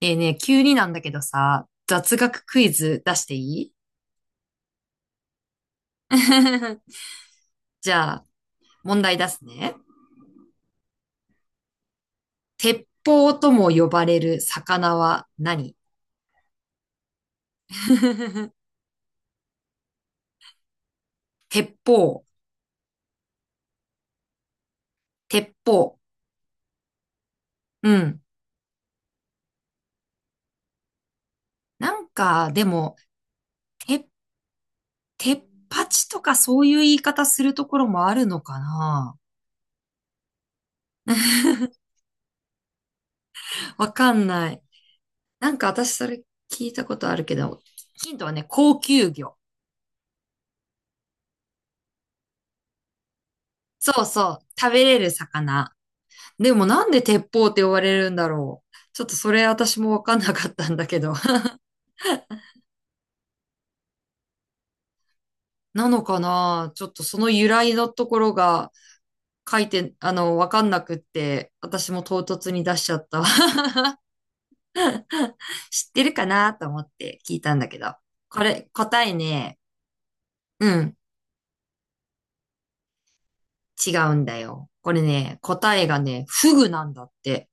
ね、急になんだけどさ、雑学クイズ出していい？ じゃあ、問題出すね。鉄砲とも呼ばれる魚は何？ 鉄砲、鉄砲。うん。なんか、でも、鉄、鉄パチとかそういう言い方するところもあるのかな？ わかんない。なんか私それ聞いたことあるけど、ヒントはね、高級魚。そうそう、食べれる魚。でもなんで鉄砲って呼ばれるんだろう。ちょっとそれ私もわかんなかったんだけど。なのかなちょっとその由来のところが書いて、わかんなくって、私も唐突に出しちゃったわ。知ってるかなと思って聞いたんだけど。これ、答えね、うん、違うんだよ。これね、答えがね、フグなんだって。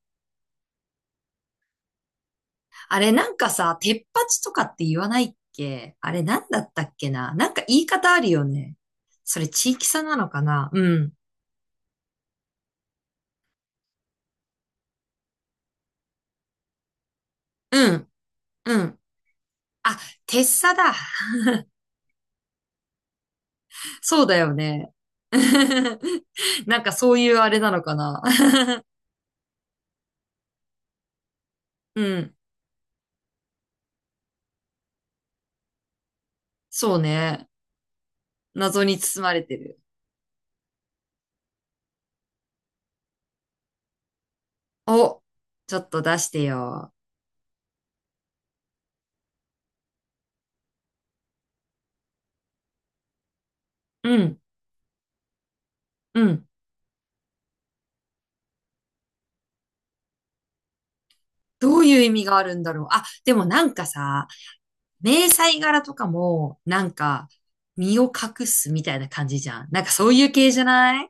あれなんかさ、鉄八とかって言わないっけあれなんだったっけななんか言い方あるよね。それ地域差なのかなうん。うん、うん。あ、鉄砂だ。そうだよね。なんかそういうあれなのかな。うん。そうね。謎に包まれてる。お、ちょっと出してよ。うん、うん。どういう意味があるんだろう。あ、でもなんかさ、迷彩柄とかも、なんか、身を隠すみたいな感じじゃん。なんかそういう系じゃない？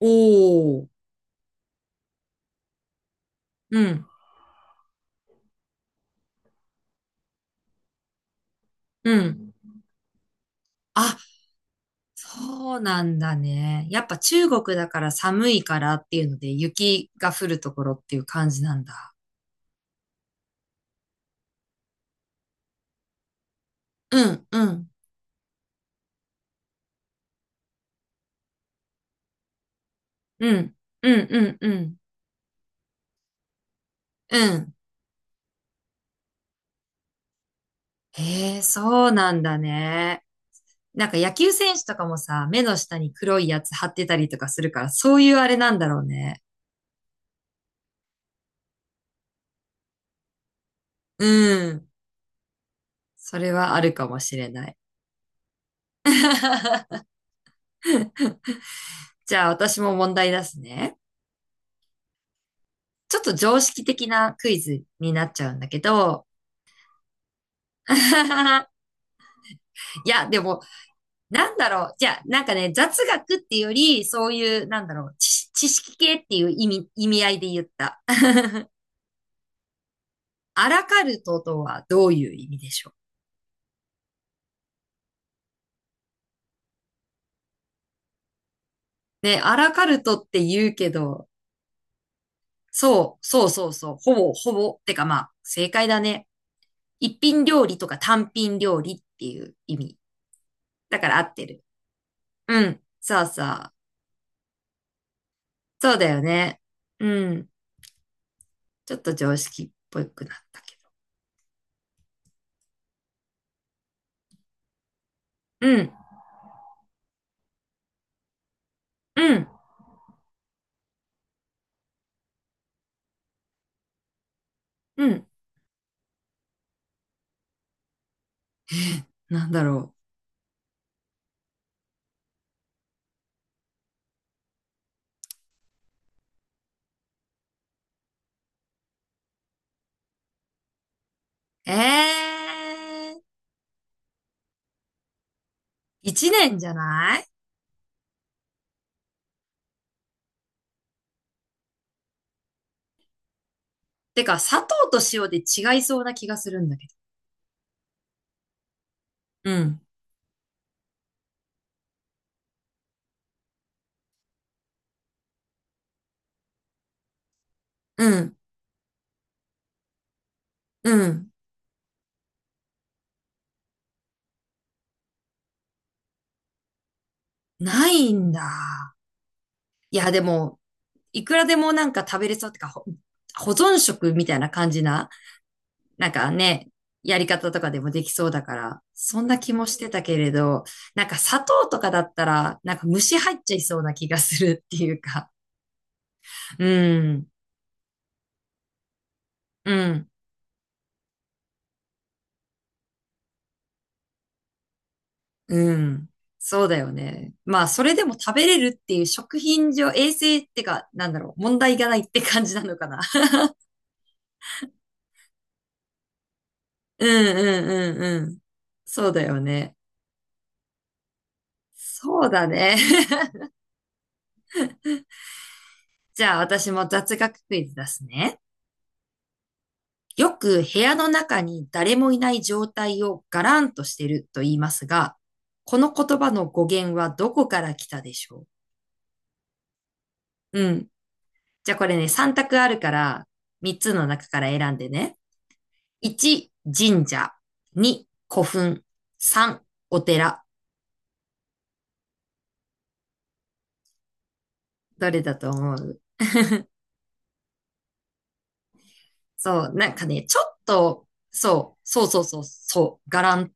おー。うん、うん。あ、そうなんだね。やっぱ中国だから寒いからっていうので雪が降るところっていう感じなんだ。うん、うん、うん、うん、うん、うん、うん。へえ、そうなんだね。なんか野球選手とかもさ、目の下に黒いやつ貼ってたりとかするから、そういうあれなんだろうね。うん。それはあるかもしれない。じゃあ私も問題出すね。ちょっと常識的なクイズになっちゃうんだけど、いや、でもなんだろう。じゃあ、なんかね、雑学っていうより、そういう、なんだろう、知識系っていう意味、意味合いで言った。アラカルトとはどういう意味でしょう？ね、アラカルトって言うけど、そう、そうそうそう、ほぼ、ほぼ、てかまあ、正解だね。一品料理とか単品料理っていう意味。だから合ってる。うん、そうそう。そうだよね。うん。ちょっと常識っぽくなったけど。うん、うん、うん。なんだろう。ー。一年じゃない？てか、砂糖と塩で違いそうな気がするんだけどうん。うん、うん。ないんだ。いや、でも、いくらでもなんか食べれそうってか、保存食みたいな感じな、なんかね、やり方とかでもできそうだから、そんな気もしてたけれど、なんか砂糖とかだったら、なんか虫入っちゃいそうな気がするっていうか。うん、うん。うん。そうだよね。まあ、それでも食べれるっていう食品上、衛生ってか、なんだろう、問題がないって感じなのかな。うんうんうんうん。そうだよね。そうだね。じゃあ私も雑学クイズ出すね。よく部屋の中に誰もいない状態をガランとしてると言いますが、この言葉の語源はどこから来たでしょう？うん。じゃあこれね、3択あるから、3つの中から選んでね。1、神社。2、古墳。3、お寺。どれだと思う？ そう、なんかね、ちょっと、そう、そうそうそう、そう、伽藍。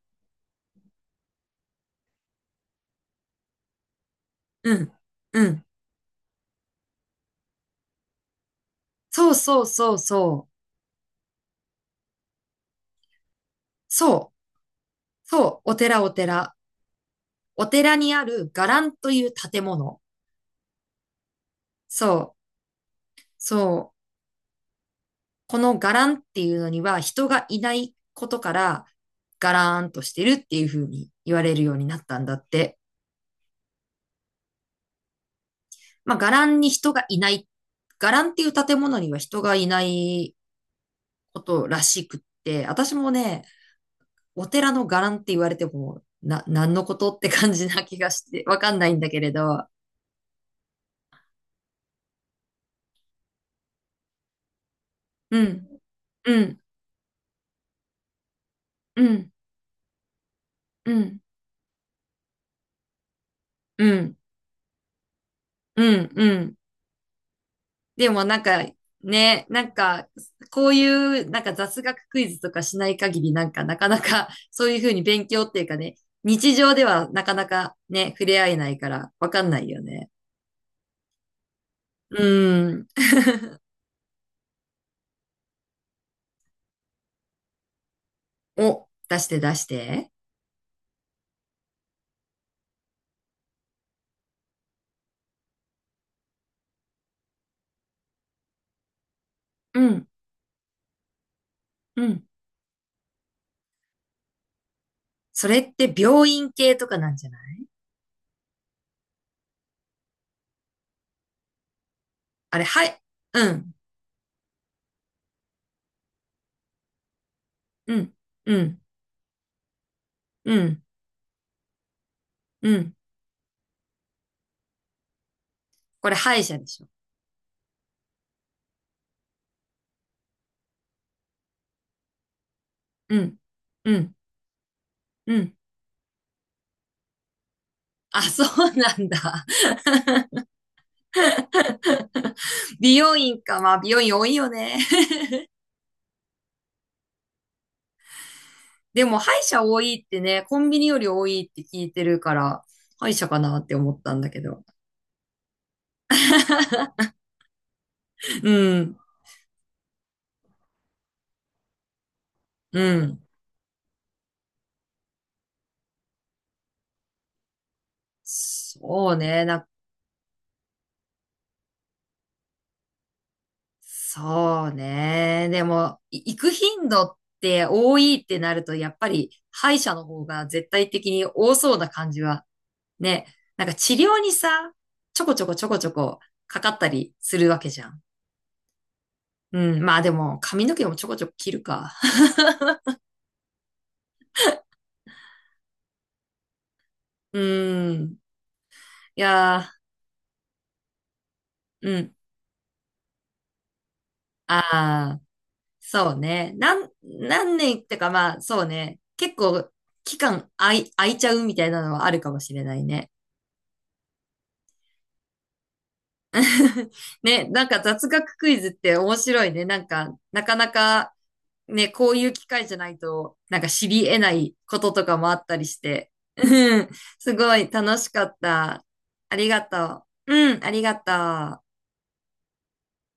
うん、うん。そうそうそうそう。そうラン、うんうんそう、お寺お寺。お寺にある伽藍という建物。そう、そう。この伽藍っていうのには人がいないことから、ガラーンとしてるっていう風に言われるようになったんだって。まあ、伽藍に人がいない、伽藍っていう建物には人がいないことらしくって、私もね、お寺の伽藍って言われても、何のことって感じな気がして、わかんないんだけれど、うん、うん、うん、うん、うん、うん、うん。でもなんか、ね、なんか、こういう、なんか雑学クイズとかしない限り、なんか、なかなか、そういうふうに勉強っていうかね、日常ではなかなかね、触れ合えないから、わかんないよね。うん。お、出して出して。うん、うん。それって病院系とかなんじゃない？あれ、はい、うん、うん、うん、うん、うん。これ歯医者でしょ？うん、うん、うん。あ、そうなんだ。美容院か。まあ、美容院多いよね。でも、歯医者多いってね、コンビニより多いって聞いてるから、歯医者かなって思ったんだけど。うん、うん。そうね。そうね。でも、行く頻度って多いってなると、やっぱり歯医者の方が絶対的に多そうな感じは、ね。なんか治療にさ、ちょこちょこちょこちょこかかったりするわけじゃん。うん。まあでも、髪の毛もちょこちょこ切るか。うん。いやー、うん。ああ、そうね。何年ってかまあ、そうね。結構、期間空いちゃうみたいなのはあるかもしれないね。ね、なんか雑学クイズって面白いね。なんか、なかなかね、こういう機会じゃないと、なんか知り得ないこととかもあったりして。うん、すごい楽しかった。ありがとう。うん、ありがとう。